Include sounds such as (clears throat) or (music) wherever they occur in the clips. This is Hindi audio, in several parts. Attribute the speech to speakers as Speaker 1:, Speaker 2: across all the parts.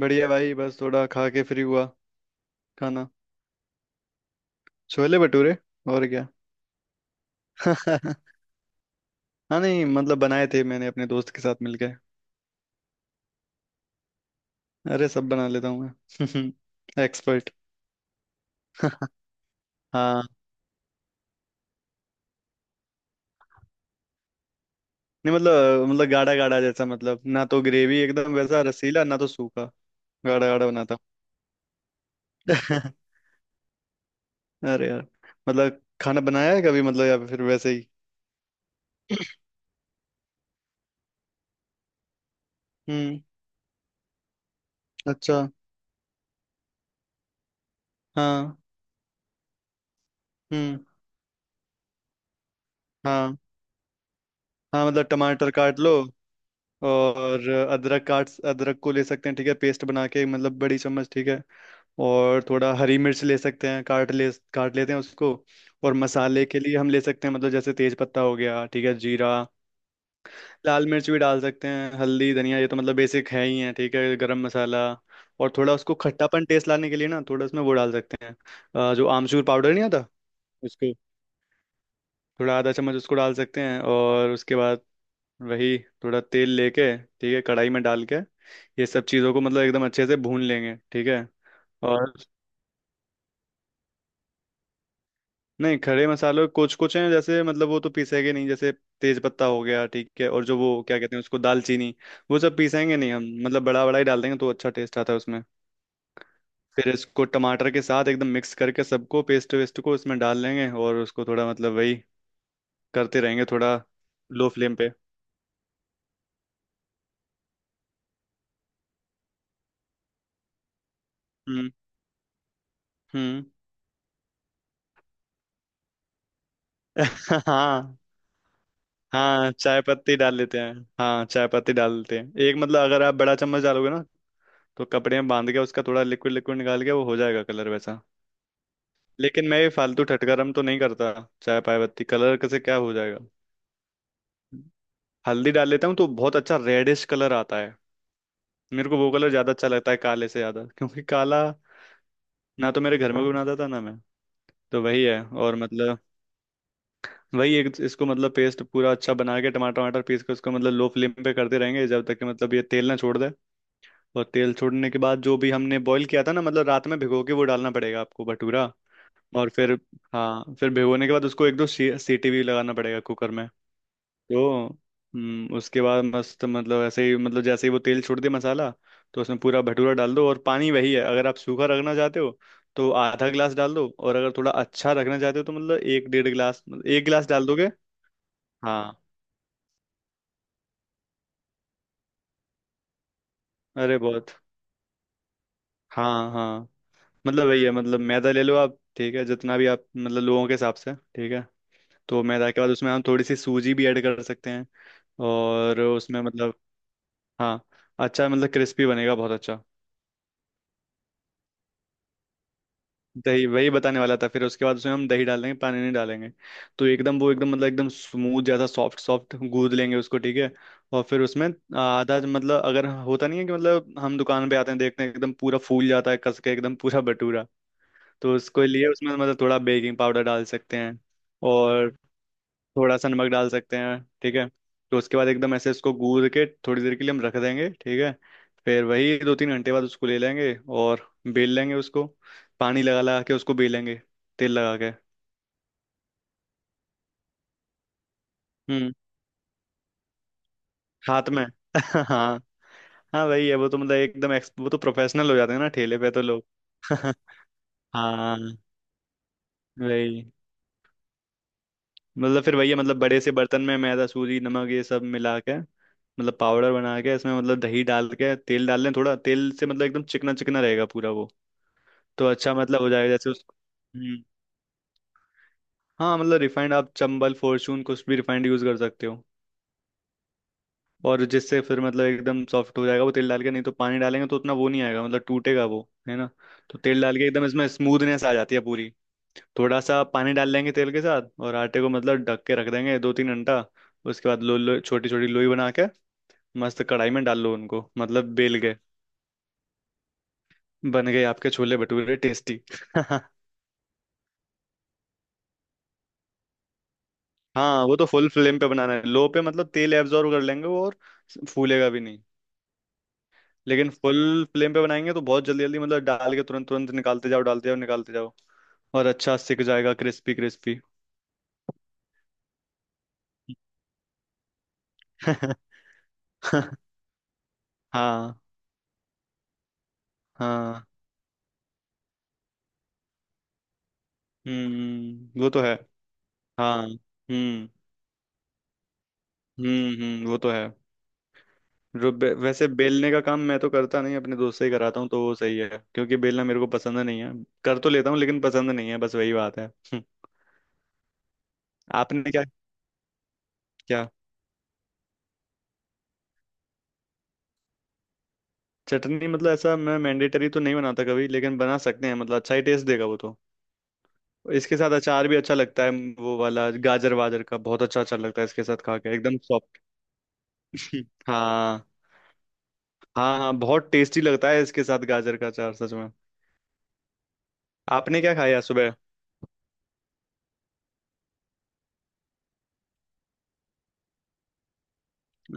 Speaker 1: बढ़िया भाई, बस थोड़ा खा के फ्री हुआ। खाना। छोले भटूरे। और क्या। (laughs) हाँ, नहीं मतलब बनाए थे मैंने अपने दोस्त के साथ मिलके। अरे, सब बना लेता हूँ मैं (laughs) एक्सपर्ट। हाँ, नहीं मतलब गाढ़ा गाढ़ा जैसा, मतलब ना तो ग्रेवी एकदम वैसा रसीला, ना तो सूखा। गाढ़ा गाढ़ा बनाता हूँ। (laughs) अरे यार, मतलब खाना बनाया है कभी, मतलब या फिर वैसे ही। हम्म। अच्छा। हाँ। हम्म। हाँ। हाँ मतलब टमाटर काट लो, और अदरक को ले सकते हैं, ठीक है, पेस्ट बना के, मतलब बड़ी चम्मच, ठीक है। और थोड़ा हरी मिर्च ले सकते हैं, काट लेते हैं उसको। और मसाले के लिए हम ले सकते हैं, मतलब जैसे तेज पत्ता हो गया, ठीक है, जीरा, लाल मिर्च भी डाल सकते हैं, हल्दी, धनिया, ये तो मतलब बेसिक है ही है, ठीक है, गरम मसाला। और थोड़ा उसको खट्टापन टेस्ट लाने के लिए ना, थोड़ा उसमें वो डाल सकते हैं, जो आमचूर पाउडर नहीं आता, उसको, थोड़ा आधा चम्मच उसको डाल सकते हैं। और उसके बाद वही, थोड़ा तेल लेके, ठीक है, कढ़ाई में डाल के, ये सब चीज़ों को मतलब एकदम अच्छे से भून लेंगे, ठीक है। और नहीं, खड़े मसालों कुछ कुछ हैं जैसे, मतलब वो तो पीसेंगे नहीं, जैसे तेज पत्ता हो गया, ठीक है, और जो वो क्या कहते हैं उसको, दालचीनी, वो सब पीसेंगे नहीं हम, मतलब बड़ा बड़ा ही डाल देंगे तो अच्छा टेस्ट आता है उसमें। फिर इसको टमाटर के साथ एकदम मिक्स करके सबको, पेस्ट वेस्ट को इसमें डाल लेंगे, और उसको थोड़ा मतलब वही करते रहेंगे, थोड़ा लो फ्लेम पे। हम्म। हम्म। (laughs) हाँ। हाँ चाय पत्ती डाल लेते हैं। हाँ चाय पत्ती डाल देते हैं, एक मतलब अगर आप बड़ा चम्मच डालोगे ना, तो कपड़े में बांध के उसका थोड़ा लिक्विड लिक्विड निकाल के, वो हो जाएगा कलर वैसा। लेकिन मैं ये फालतू ठटकरम तो नहीं करता, चाय पाय पत्ती कलर कैसे क्या हो जाएगा। हल्दी डाल लेता हूँ तो बहुत अच्छा रेडिश कलर आता है। मेरे को वो कलर ज्यादा अच्छा लगता है काले से, ज्यादा क्योंकि काला ना तो मेरे घर में कोई बनाता था, ना मैं। तो वही है। और मतलब वही एक इसको मतलब पेस्ट पूरा अच्छा बना के, टमाटर वमाटर पीस के उसको मतलब लो फ्लेम पे करते रहेंगे जब तक कि मतलब ये तेल ना छोड़ दे। और तेल छोड़ने के बाद जो भी हमने बॉईल किया था ना, मतलब रात में भिगो के, वो डालना पड़ेगा आपको भटूरा। और फिर, हाँ, फिर भिगोने के बाद उसको एक दो सीटी भी लगाना पड़ेगा कुकर में। तो उसके बाद मस्त, मतलब ऐसे ही, मतलब जैसे ही वो तेल छोड़ दे मसाला, तो उसमें पूरा भटूरा डाल दो। और पानी वही है, अगर आप सूखा रखना चाहते हो तो आधा गिलास डाल दो, और अगर थोड़ा अच्छा रखना चाहते हो तो मतलब एक, डेढ़ गिलास, मतलब एक गिलास डाल दोगे। हाँ। अरे, बहुत। हाँ हाँ, मतलब वही है, मतलब मैदा ले लो आप, ठीक है जितना भी आप मतलब लोगों के हिसाब से, ठीक है। तो मैदा के बाद उसमें हम थोड़ी सी सूजी भी ऐड कर सकते हैं, और उसमें मतलब। हाँ, अच्छा मतलब क्रिस्पी बनेगा बहुत अच्छा। दही, वही बताने वाला था। फिर उसके बाद उसमें हम दही डालेंगे, पानी नहीं डालेंगे, तो एकदम वो एकदम मतलब एकदम स्मूथ जैसा सॉफ्ट सॉफ्ट गूंद लेंगे उसको, ठीक है। और फिर उसमें, आधा मतलब अगर होता नहीं है कि मतलब हम दुकान पे आते हैं, देखते हैं एकदम पूरा फूल जाता है कस के एकदम पूरा भटूरा, तो उसके लिए उसमें मतलब थोड़ा बेकिंग पाउडर डाल सकते हैं, और थोड़ा सा नमक डाल सकते हैं, ठीक है। तो उसके बाद एकदम ऐसे इसको गूंद के थोड़ी देर के लिए हम रख देंगे, ठीक है। फिर वही दो तीन घंटे बाद उसको ले लेंगे और बेल लेंगे उसको, पानी लगा लगा के उसको बेलेंगे, तेल लगा के। हम्म। हाथ में (laughs) हाँ। हाँ वही है, वो तो मतलब एकदम एक्स वो तो प्रोफेशनल हो जाते हैं ना ठेले पे तो लोग। (laughs) हाँ। वही, मतलब फिर वही है, मतलब बड़े से बर्तन में मैदा सूजी नमक ये सब मिला के, मतलब पाउडर बना के इसमें मतलब दही डाल के, तेल डाल लें, थोड़ा तेल से मतलब एकदम चिकना चिकना रहेगा पूरा वो। तो अच्छा मतलब हो जाएगा जैसे उस। हम्म। हाँ मतलब रिफाइंड आप चंबल फॉर्चून कुछ भी रिफाइंड यूज कर सकते हो। और जिससे फिर मतलब एकदम सॉफ्ट हो जाएगा, वो तेल डाल के, नहीं तो पानी डालेंगे तो उतना वो नहीं आएगा, मतलब टूटेगा वो, है ना। तो तेल डाल के एकदम इसमें स्मूथनेस आ जाती है पूरी। थोड़ा सा पानी डाल लेंगे तेल के साथ, और आटे को मतलब ढक के रख देंगे दो तीन घंटा। उसके बाद लो लो छोटी छोटी लोई बना के, मस्त कढ़ाई में डाल लो उनको, मतलब बेल गए, बन गए आपके छोले भटूरे टेस्टी। (laughs) हाँ वो तो फुल फ्लेम पे बनाना है, लो पे मतलब तेल एब्जॉर्ब कर लेंगे वो, और फूलेगा भी नहीं। लेकिन फुल फ्लेम पे बनाएंगे तो बहुत जल्दी जल्दी मतलब डाल के तुरंत तुरंत निकालते जाओ, डालते जाओ निकालते जाओ, और अच्छा सिक जाएगा क्रिस्पी क्रिस्पी। (laughs) हाँ हाँ। हम्म, वो तो है। हाँ। हम्म, वो तो है। वैसे बेलने का काम मैं तो करता नहीं, अपने दोस्त से ही कराता हूँ, तो वो सही है क्योंकि बेलना मेरे को पसंद नहीं है। कर तो लेता हूँ लेकिन पसंद नहीं है, बस वही बात है। (laughs) आपने क्या। क्या चटनी? मतलब ऐसा मैं मैंडेटरी तो नहीं बनाता कभी, लेकिन बना सकते हैं, मतलब अच्छा ही टेस्ट देगा वो तो। इसके साथ अचार भी अच्छा लगता है, वो वाला गाजर वाजर का बहुत अच्छा अचार लगता है इसके साथ, खा के एकदम सॉफ्ट। (laughs) हाँ हाँ। हाँ, बहुत टेस्टी लगता है इसके साथ गाजर का अचार सच में। आपने क्या खाया सुबह?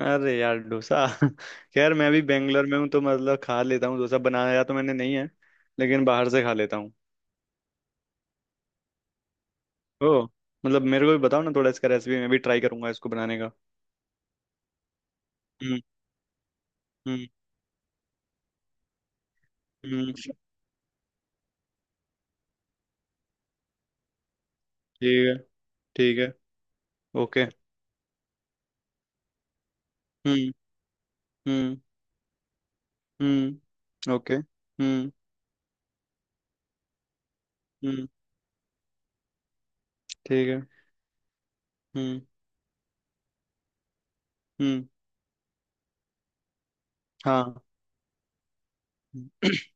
Speaker 1: अरे यार डोसा (laughs) खैर मैं भी बेंगलोर में हूँ तो मतलब खा लेता हूँ, डोसा बनाया तो मैंने नहीं है, लेकिन बाहर से खा लेता हूँ। ओ, मतलब मेरे को भी बताओ ना थोड़ा, इसका रेसिपी मैं भी ट्राई करूंगा इसको बनाने का। हम्म। हम्म। हम्म। ठीक है। ठीक है। ओके। हम्म। हम्म। हम्म। ओके। हम्म। हम्म। ठीक है। हम्म। हम्म। हाँ। (clears throat)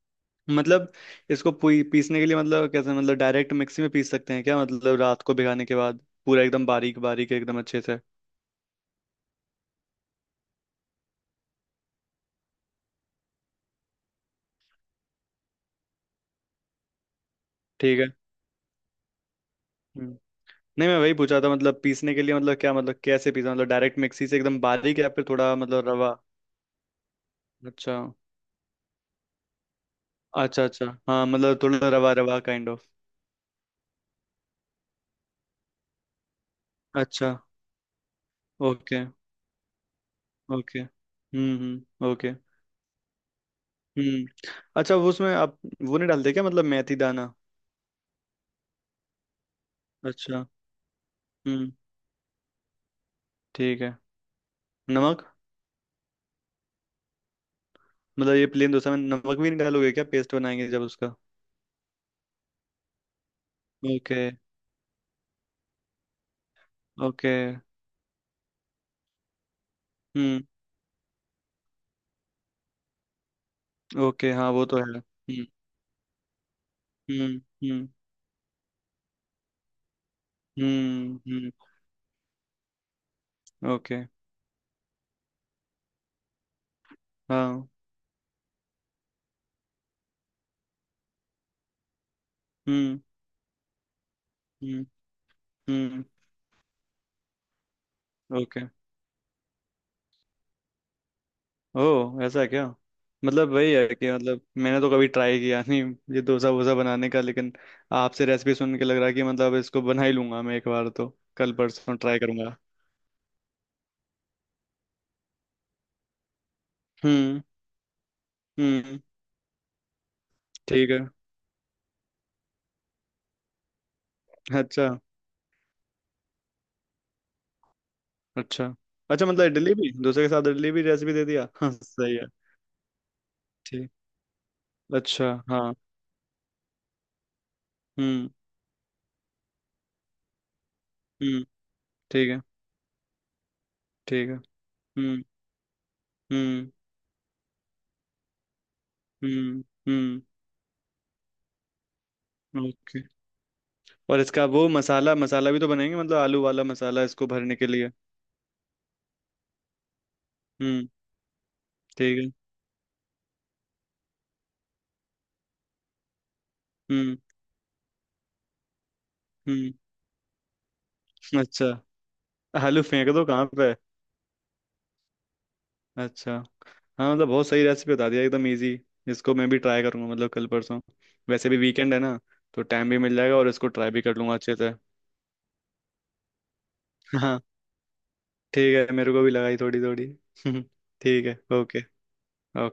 Speaker 1: मतलब, इसको पीसने के लिए मतलब कैसे, मतलब डायरेक्ट मिक्सी में पीस सकते हैं क्या, मतलब रात को भिगाने के बाद, पूरा एकदम बारीक बारीक एकदम अच्छे से? ठीक है। हम्म। नहीं मैं वही पूछा था, मतलब पीसने के लिए मतलब क्या, मतलब कैसे पीसा, मतलब डायरेक्ट मिक्सी से एकदम बारीक, या फिर थोड़ा मतलब रवा? अच्छा। अच्छा। अच्छा हाँ, मतलब थोड़ा रवा रवा काइंड ऑफ। अच्छा। ओके। ओके। हम्म। हम्म। ओके। हम्म। अच्छा। वो उसमें आप वो नहीं डालते क्या, मतलब मेथी दाना? अच्छा। हम्म। ठीक है। नमक? मतलब ये प्लेन डोसा में नमक भी नहीं डालोगे क्या, पेस्ट बनाएंगे जब उसका? ओके। ओके। हम्म। ओके। हाँ वो तो है। हम्म। हम्म। हम्म। ओके। हाँ। हम्म हम्म हम्म। ओके। ओह, ऐसा है क्या? मतलब वही है कि मतलब मैंने तो कभी ट्राई किया नहीं ये डोसा वोसा बनाने का, लेकिन आपसे रेसिपी सुन के लग रहा है कि मतलब इसको बना ही लूंगा मैं एक बार तो, कल परसों ट्राई करूंगा। हम्म। हम्म। ठीक है। अच्छा। अच्छा। अच्छा मतलब इडली भी, डोसे के साथ इडली भी रेसिपी दे दिया, हाँ सही है। ठीक। अच्छा। हाँ। हम्म। हम्म। ठीक है। ठीक है। हम्म। हम्म। हम्म। हम्म। ओके, और इसका वो मसाला मसाला भी तो बनाएंगे मतलब, आलू वाला मसाला इसको भरने के लिए। हम्म। ठीक है। हम्म। हम्म। अच्छा। आलू फेंक दो कहाँ पे? अच्छा। हाँ मतलब बहुत सही रेसिपी बता दिया, एकदम इजी। इसको मैं भी ट्राई करूंगा, मतलब कल परसों, वैसे भी वीकेंड है ना, तो टाइम भी मिल जाएगा, और इसको ट्राई भी कर लूंगा अच्छे से। हाँ। ठीक है, मेरे को भी लगाई थोड़ी थोड़ी। (laughs) ठीक है। ओके। ओके।